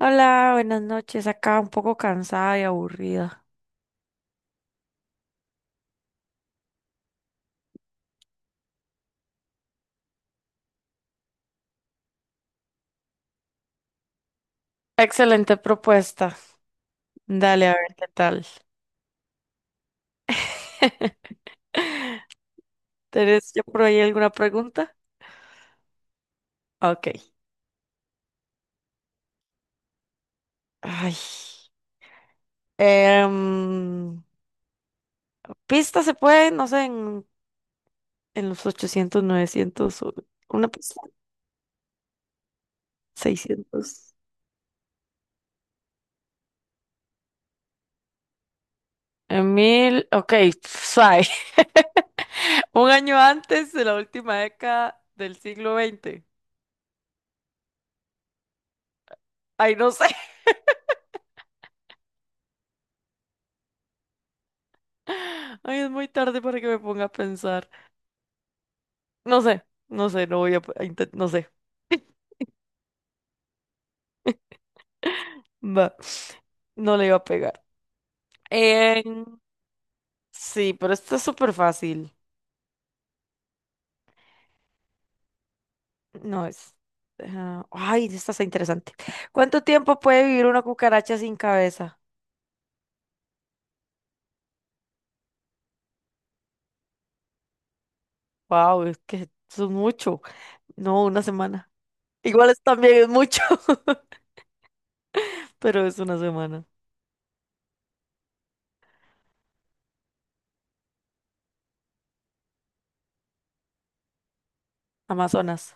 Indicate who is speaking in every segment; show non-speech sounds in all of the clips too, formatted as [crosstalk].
Speaker 1: Hola, buenas noches. Acá un poco cansada y aburrida. Excelente propuesta. Dale, a ver qué tal. [laughs] ¿Tenés ya por ahí alguna pregunta? Ok. Ay. em, ¿Pista se puede? No sé, en los 800, 900 una pista, 600. En 1000. Ok, suave. [laughs] Un año antes de la última década del siglo XX. Ay, no sé. [laughs] Ay, es muy tarde para que me ponga a pensar. No sé, no sé, no voy a, intentar, no sé. [laughs] Va, no le iba a pegar. Em, sí, pero esto es súper fácil. No es. Ah, ay, esta está interesante. ¿Cuánto tiempo puede vivir una cucaracha sin cabeza? Wow, es que eso es mucho. No, una semana. Igual es también es mucho, [laughs] pero es una semana. Amazonas.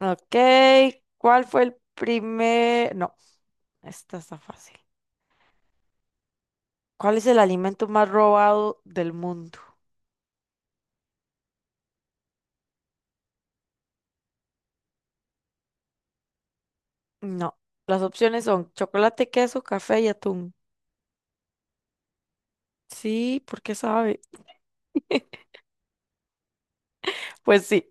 Speaker 1: Ok, ¿cuál fue el primer? No, esta está fácil. ¿Cuál es el alimento más robado del mundo? No, las opciones son chocolate, queso, café y atún. Sí, ¿por qué sabe? Pues sí,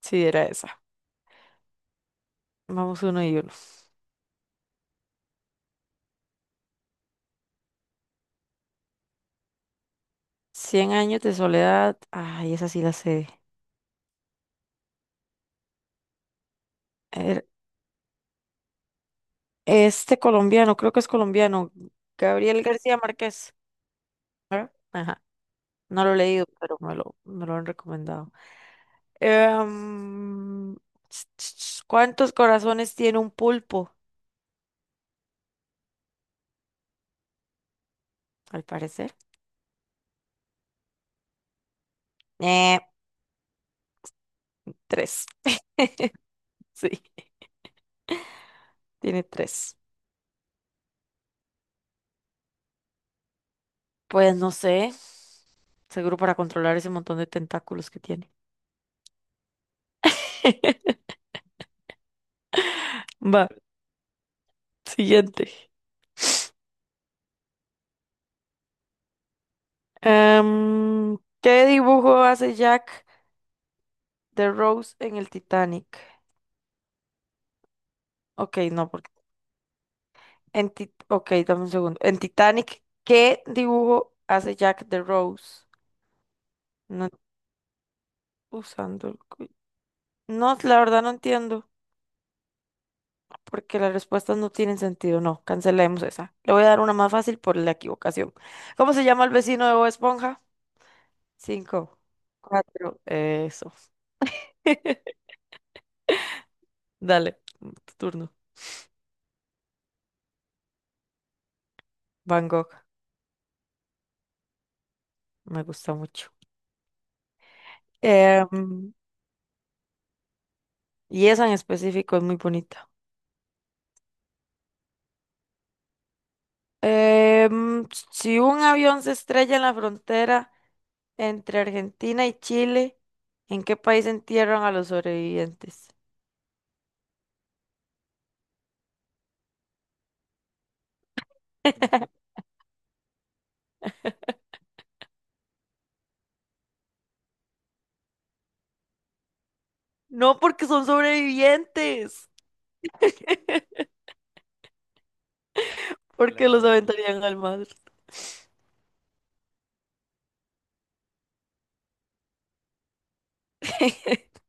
Speaker 1: sí era esa. Vamos uno y uno. Cien años de soledad. Ay, esa sí la sé. Er- Este colombiano, creo que es colombiano, Gabriel García Márquez. Ajá, no lo he leído, pero me lo han recomendado. Em, ¿Cuántos corazones tiene un pulpo? Al parecer. Eh, Tres. [laughs] Sí, tiene tres. Pues no sé. Seguro para controlar ese montón de tentáculos que tiene. [laughs] Va, siguiente. ¿Qué dibujo hace Jack de Rose en el Titanic? Ok, no, porque en ok, dame un segundo. En Titanic, ¿qué dibujo hace Jack de Rose? No usando el No, la verdad no entiendo, porque las respuestas no tienen sentido. No, cancelemos esa. Le voy a dar una más fácil por la equivocación. ¿Cómo se llama el vecino de Bob Esponja? Cinco, cuatro, eso. [laughs] Dale, tu turno. Van Gogh, me gusta mucho. Em, y esa en específico es muy bonita. Si un avión se estrella en la frontera entre Argentina y Chile, ¿en qué país entierran a los sobrevivientes? No porque son sobrevivientes, porque los Claro. aventarían al mar. [laughs]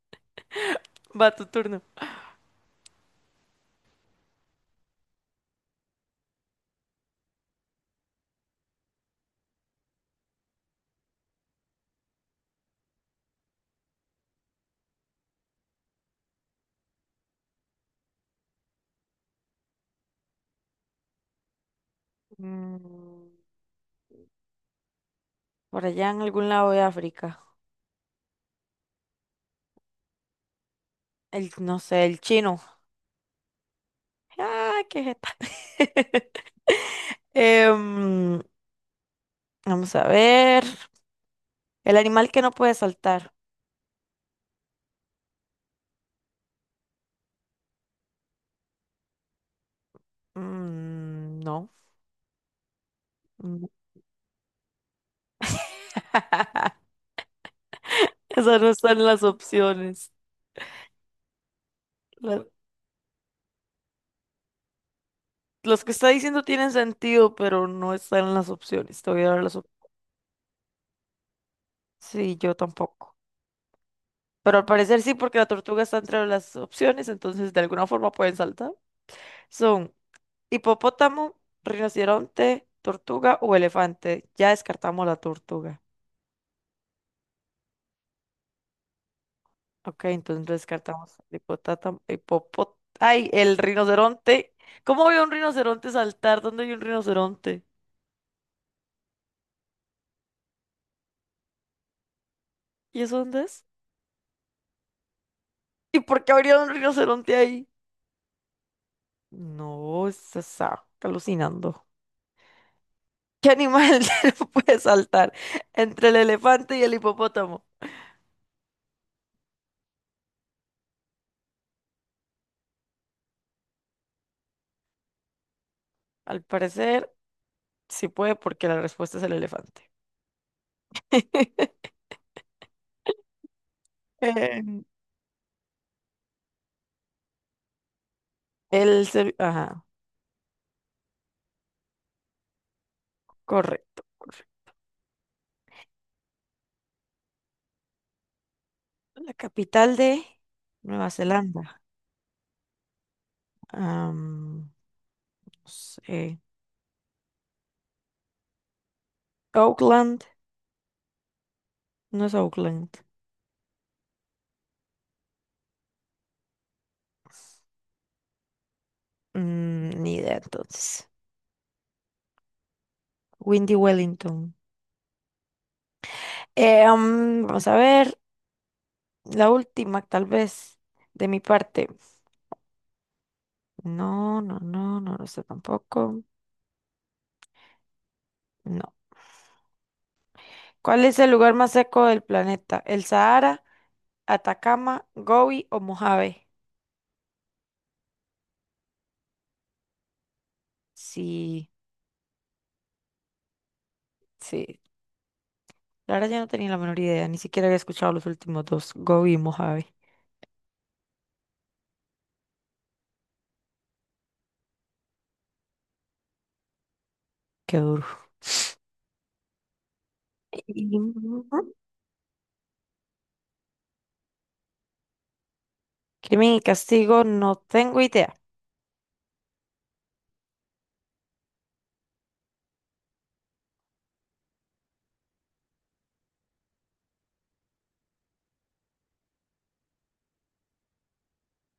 Speaker 1: Va tu turno. Mm, por allá en algún lado de África. El, no sé, el chino. Ah, ¿qué es [laughs] Em, vamos a ver. El animal que no puede saltar. Mm, no. Mm. [laughs] Esas no están en las opciones. La- los que está diciendo tienen sentido, pero no están en las opciones. Te voy a dar las opciones. Sí, yo tampoco. Pero al parecer sí, porque la tortuga está entre las opciones, entonces de alguna forma pueden saltar. Son Hipopótamo, rinoceronte, tortuga o elefante. Ya descartamos la tortuga. Ok, entonces descartamos el ay, el rinoceronte. ¿Cómo veo un rinoceronte saltar? ¿Dónde hay un rinoceronte? ¿Y eso dónde es? ¿Y por qué habría un rinoceronte ahí? No, se está alucinando. ¿Qué animal [laughs] no puede saltar entre el elefante y el hipopótamo? Al parecer, sí puede porque la respuesta es el elefante. [laughs] Em, ajá. Correcto, correcto. La capital de Nueva Zelanda. No sé. Auckland. No es Auckland. Mm, ni idea entonces. Windy Wellington. Vamos a ver. La última, tal vez, de mi parte. No, no, no, no lo sé tampoco. No. ¿Cuál es el lugar más seco del planeta? ¿El Sahara, Atacama, Gobi o Mojave? Sí, sí, la verdad ya no tenía la menor idea, ni siquiera había escuchado los últimos dos, Go y Mojave. Qué duro. Y, Crimen y castigo, no tengo idea.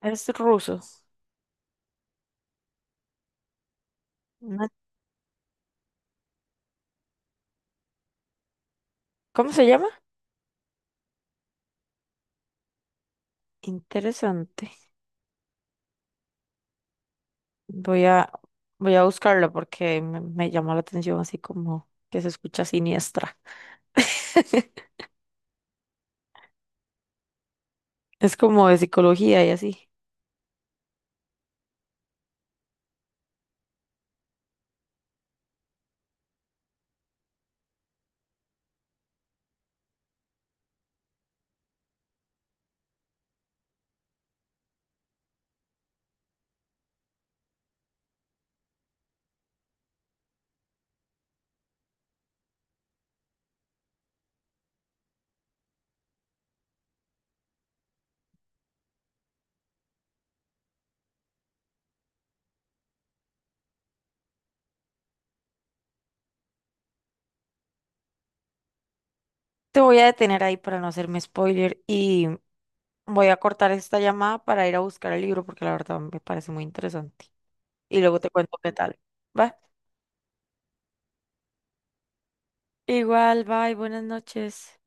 Speaker 1: Es ruso. No- ¿Cómo se llama? Interesante. Voy a, voy a buscarlo porque me llamó la atención así como que se escucha siniestra. [laughs] Es como de psicología y así. Te voy a detener ahí para no hacerme spoiler y voy a cortar esta llamada para ir a buscar el libro porque la verdad me parece muy interesante. Y luego te cuento qué tal. ¿Va? Igual, bye, buenas noches.